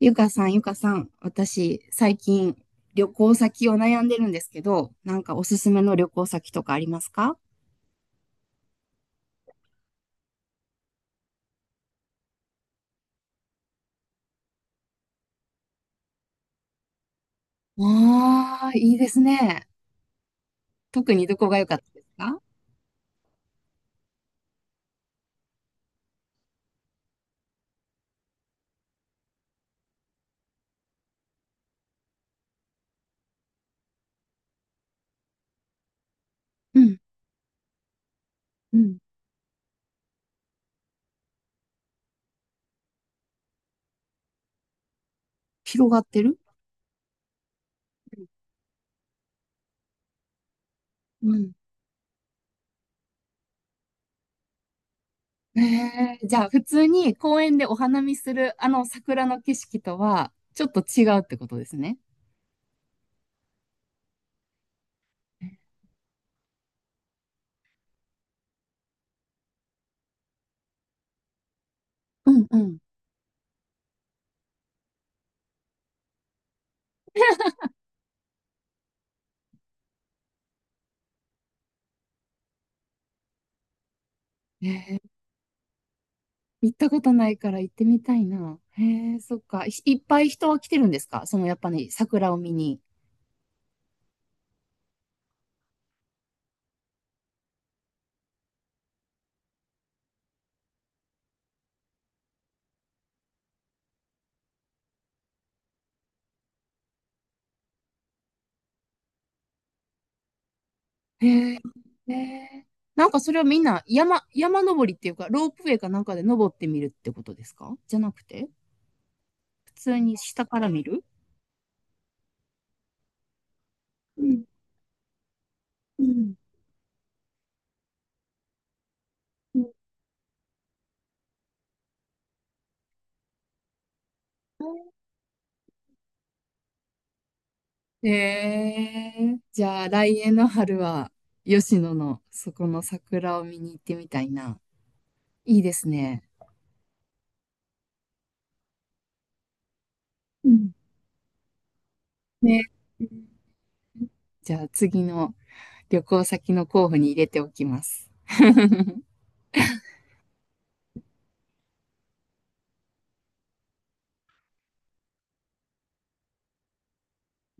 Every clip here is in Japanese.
ゆかさん、ゆかさん、私、最近、旅行先を悩んでるんですけど、なんかおすすめの旅行先とかありますか？ああー、いいですね。特にどこが良かったですか？うん、うん。広がってる。うん。えじゃあ、普通に公園でお花見するあの桜の景色とは、ちょっと違うってことですね。うんうん。えー、行ったことないから行ってみたいな。へえ、そっか。いっぱい人は来てるんですか、そのやっぱり桜を見に？へえ、へえ。なんかそれはみんな山登りっていうか、ロープウェイかなんかで登ってみるってことですか？じゃなくて、普通に下から見る。うん、うん、うん。じゃあ来年の春は吉野のそこの桜を見に行ってみたいな。いいですね。うん。ね。じゃあ次の旅行先の候補に入れておきます。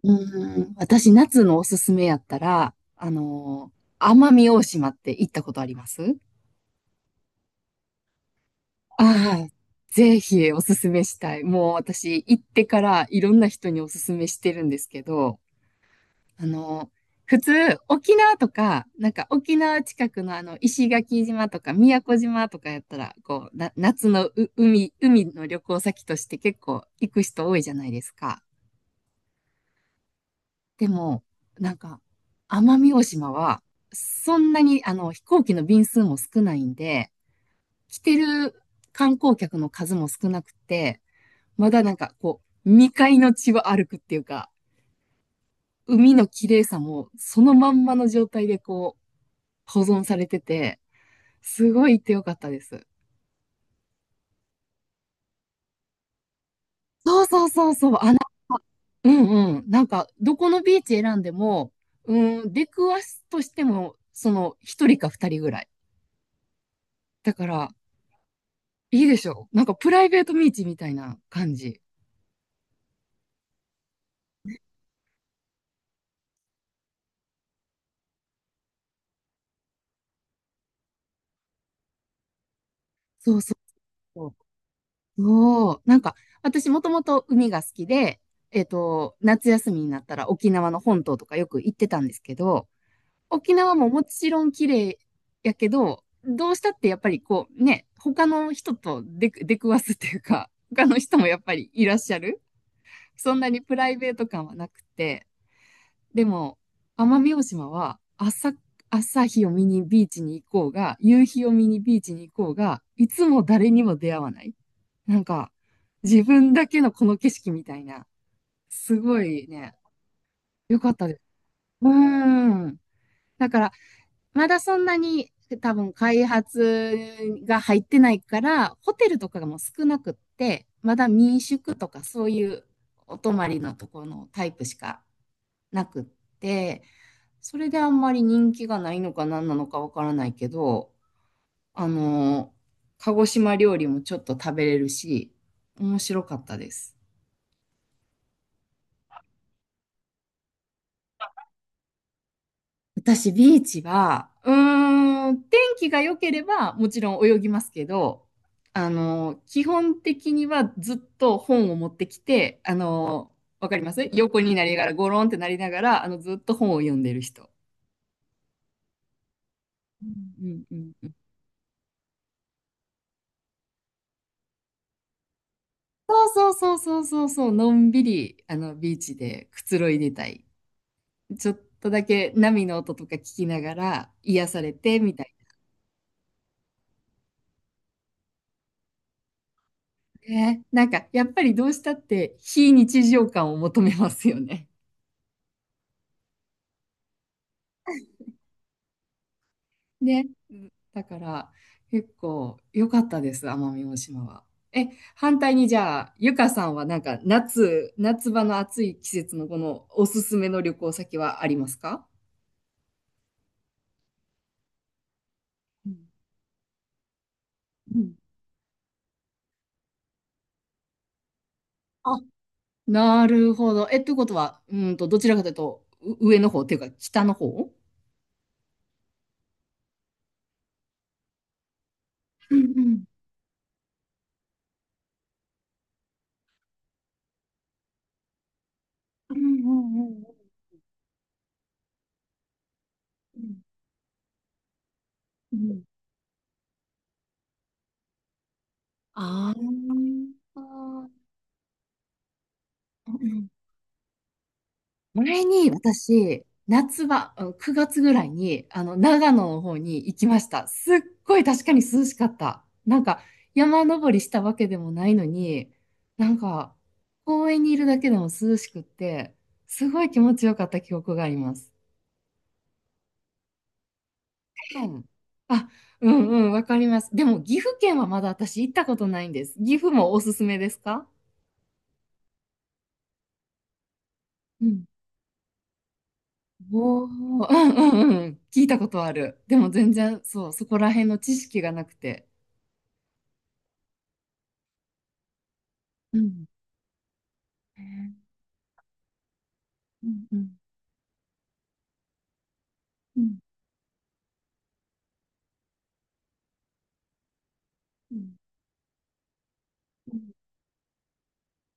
うん、私夏のおすすめやったら、奄美大島って行ったことあります？ああ、ぜひおすすめしたい。もう私行ってからいろんな人におすすめしてるんですけど、あの、普通、沖縄とか、なんか沖縄近くの石垣島とか宮古島とかやったら、こう、夏の海の旅行先として結構行く人多いじゃないですか。でも、なんか、奄美大島は、そんなに飛行機の便数も少ないんで、来てる観光客の数も少なくて、まだなんかこう、未開の地を歩くっていうか、海の綺麗さもそのまんまの状態でこう、保存されてて、すごい行ってよかったです。そうそうそうそう、うんうん。なんか、どこのビーチ選んでも、うん、出くわすとしても、その、一人か二人ぐらい。だから、いいでしょう。なんか、プライベートビーチみたいな感じ。そうそうそう。そうなんか、私もともと海が好きで、夏休みになったら沖縄の本島とかよく行ってたんですけど、沖縄ももちろん綺麗やけど、どうしたってやっぱりこうね、他の人と出くわすっていうか、他の人もやっぱりいらっしゃる。そんなにプライベート感はなくて、でも、奄美大島は朝日を見にビーチに行こうが、夕日を見にビーチに行こうが、いつも誰にも出会わない。なんか、自分だけのこの景色みたいな、すごいね、良かったです。うーん。だから、まだそんなに多分開発が入ってないから、ホテルとかがもう少なくって、まだ民宿とかそういうお泊まりのところのタイプしかなくって、それであんまり人気がないのか何なのかわからないけど、あの、鹿児島料理もちょっと食べれるし、面白かったです。私、ビーチは、うーん、天気が良ければ、もちろん泳ぎますけど、基本的にはずっと本を持ってきて、わかります。横になりながら、ゴロンってなりながら、ずっと本を読んでる人。うんうんうん。そうそうそうそうそうそう、のんびり、ビーチでくつろいでたい。ちょっとだけ波の音とか聞きながら、癒されて、みたいなね。なんか、やっぱりどうしたって、非日常感を求めますよね。だから結構良かったです、奄美大島は。え、反対にじゃあ、ゆかさんはなんか夏場の暑い季節のこのおすすめの旅行先はありますか？うんうん。あ、なるほど。え、ということは、どちらかというと、上の方っていうか、北の方。うんうんうんうんうんうんうん。あー前に私、夏場、9月ぐらいに、長野の方に行きました。すっごい確かに涼しかった。なんか、山登りしたわけでもないのに、なんか、公園にいるだけでも涼しくって、すごい気持ちよかった記憶があります。うん。あ、うんうん、わかります。でも、岐阜県はまだ私行ったことないんです。岐阜もおすすめですか？うん。おー、うんうんうん。聞いたことある。でも全然、そう、そこら辺の知識がなくて。うん。へえ。うんうんうんうんうん。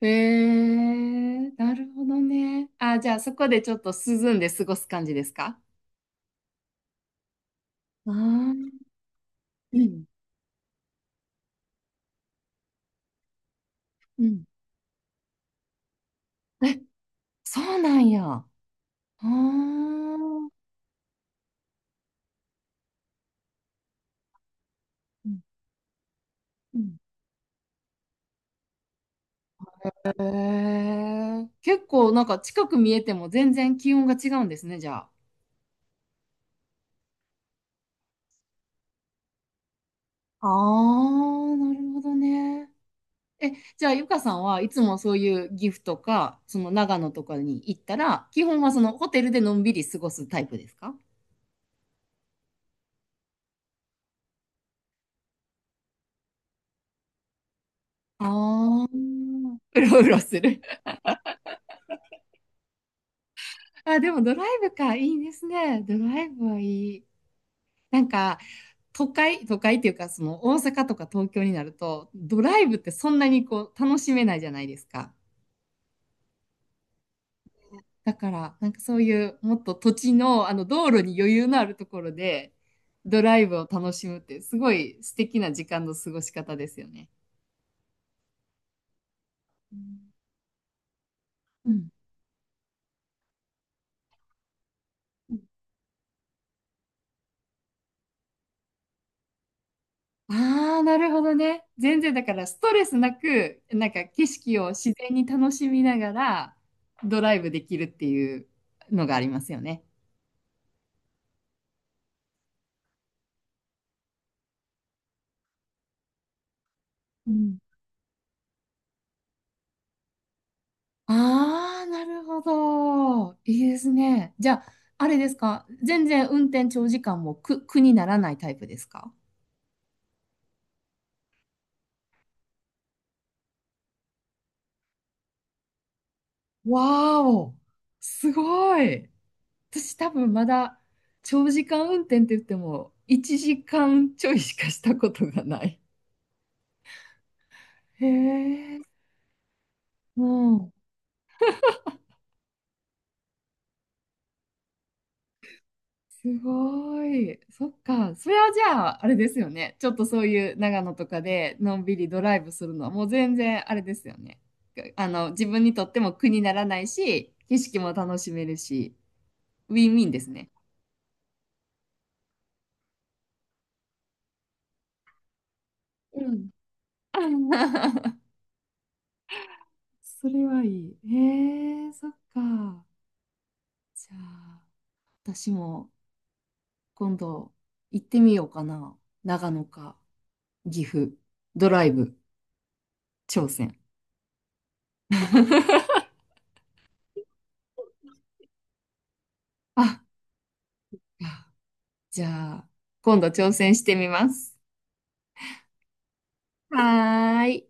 へえ、なるほどね。あ、じゃあそこでちょっと涼んで過ごす感じですか？ああー、うんうん。え、そうなんや。ああ。うんうん。へえ、結構なんか近く見えても全然気温が違うんですね、じゃあ。ああ、なるほどね。え、じゃあ、ゆかさんはいつもそういう岐阜とか、その長野とかに行ったら、基本はそのホテルでのんびり過ごすタイプですか？ああー、うろうろする。あ、でもドライブか、いいですね。ドライブはいい。なんか、都会っていうか、その大阪とか東京になると、ドライブってそんなにこう楽しめないじゃないですか。だから、なんかそういうもっと土地の、道路に余裕のあるところでドライブを楽しむってすごい素敵な時間の過ごし方ですよね。うん。ああー、なるほどね。全然だからストレスなく、なんか景色を自然に楽しみながらドライブできるっていうのがありますよね。うん。ああ、なるほど。いいですね。じゃあ、あれですか。全然運転長時間も苦にならないタイプですか？わーお、すごい。私多分まだ長時間運転って言っても1時間ちょいしかしたことがない。へえ、うん、すごい。そっか。それはじゃあ、あれですよね。ちょっとそういう長野とかでのんびりドライブするのはもう全然あれですよね。自分にとっても苦にならないし、景色も楽しめるし、ウィンウィンですね。うん。それはいい。へえ、そっか。じゃあ、私も今度行ってみようかな。長野か岐阜、ドライブ、挑戦。あ、じゃあ、今度挑戦してみます。はーい。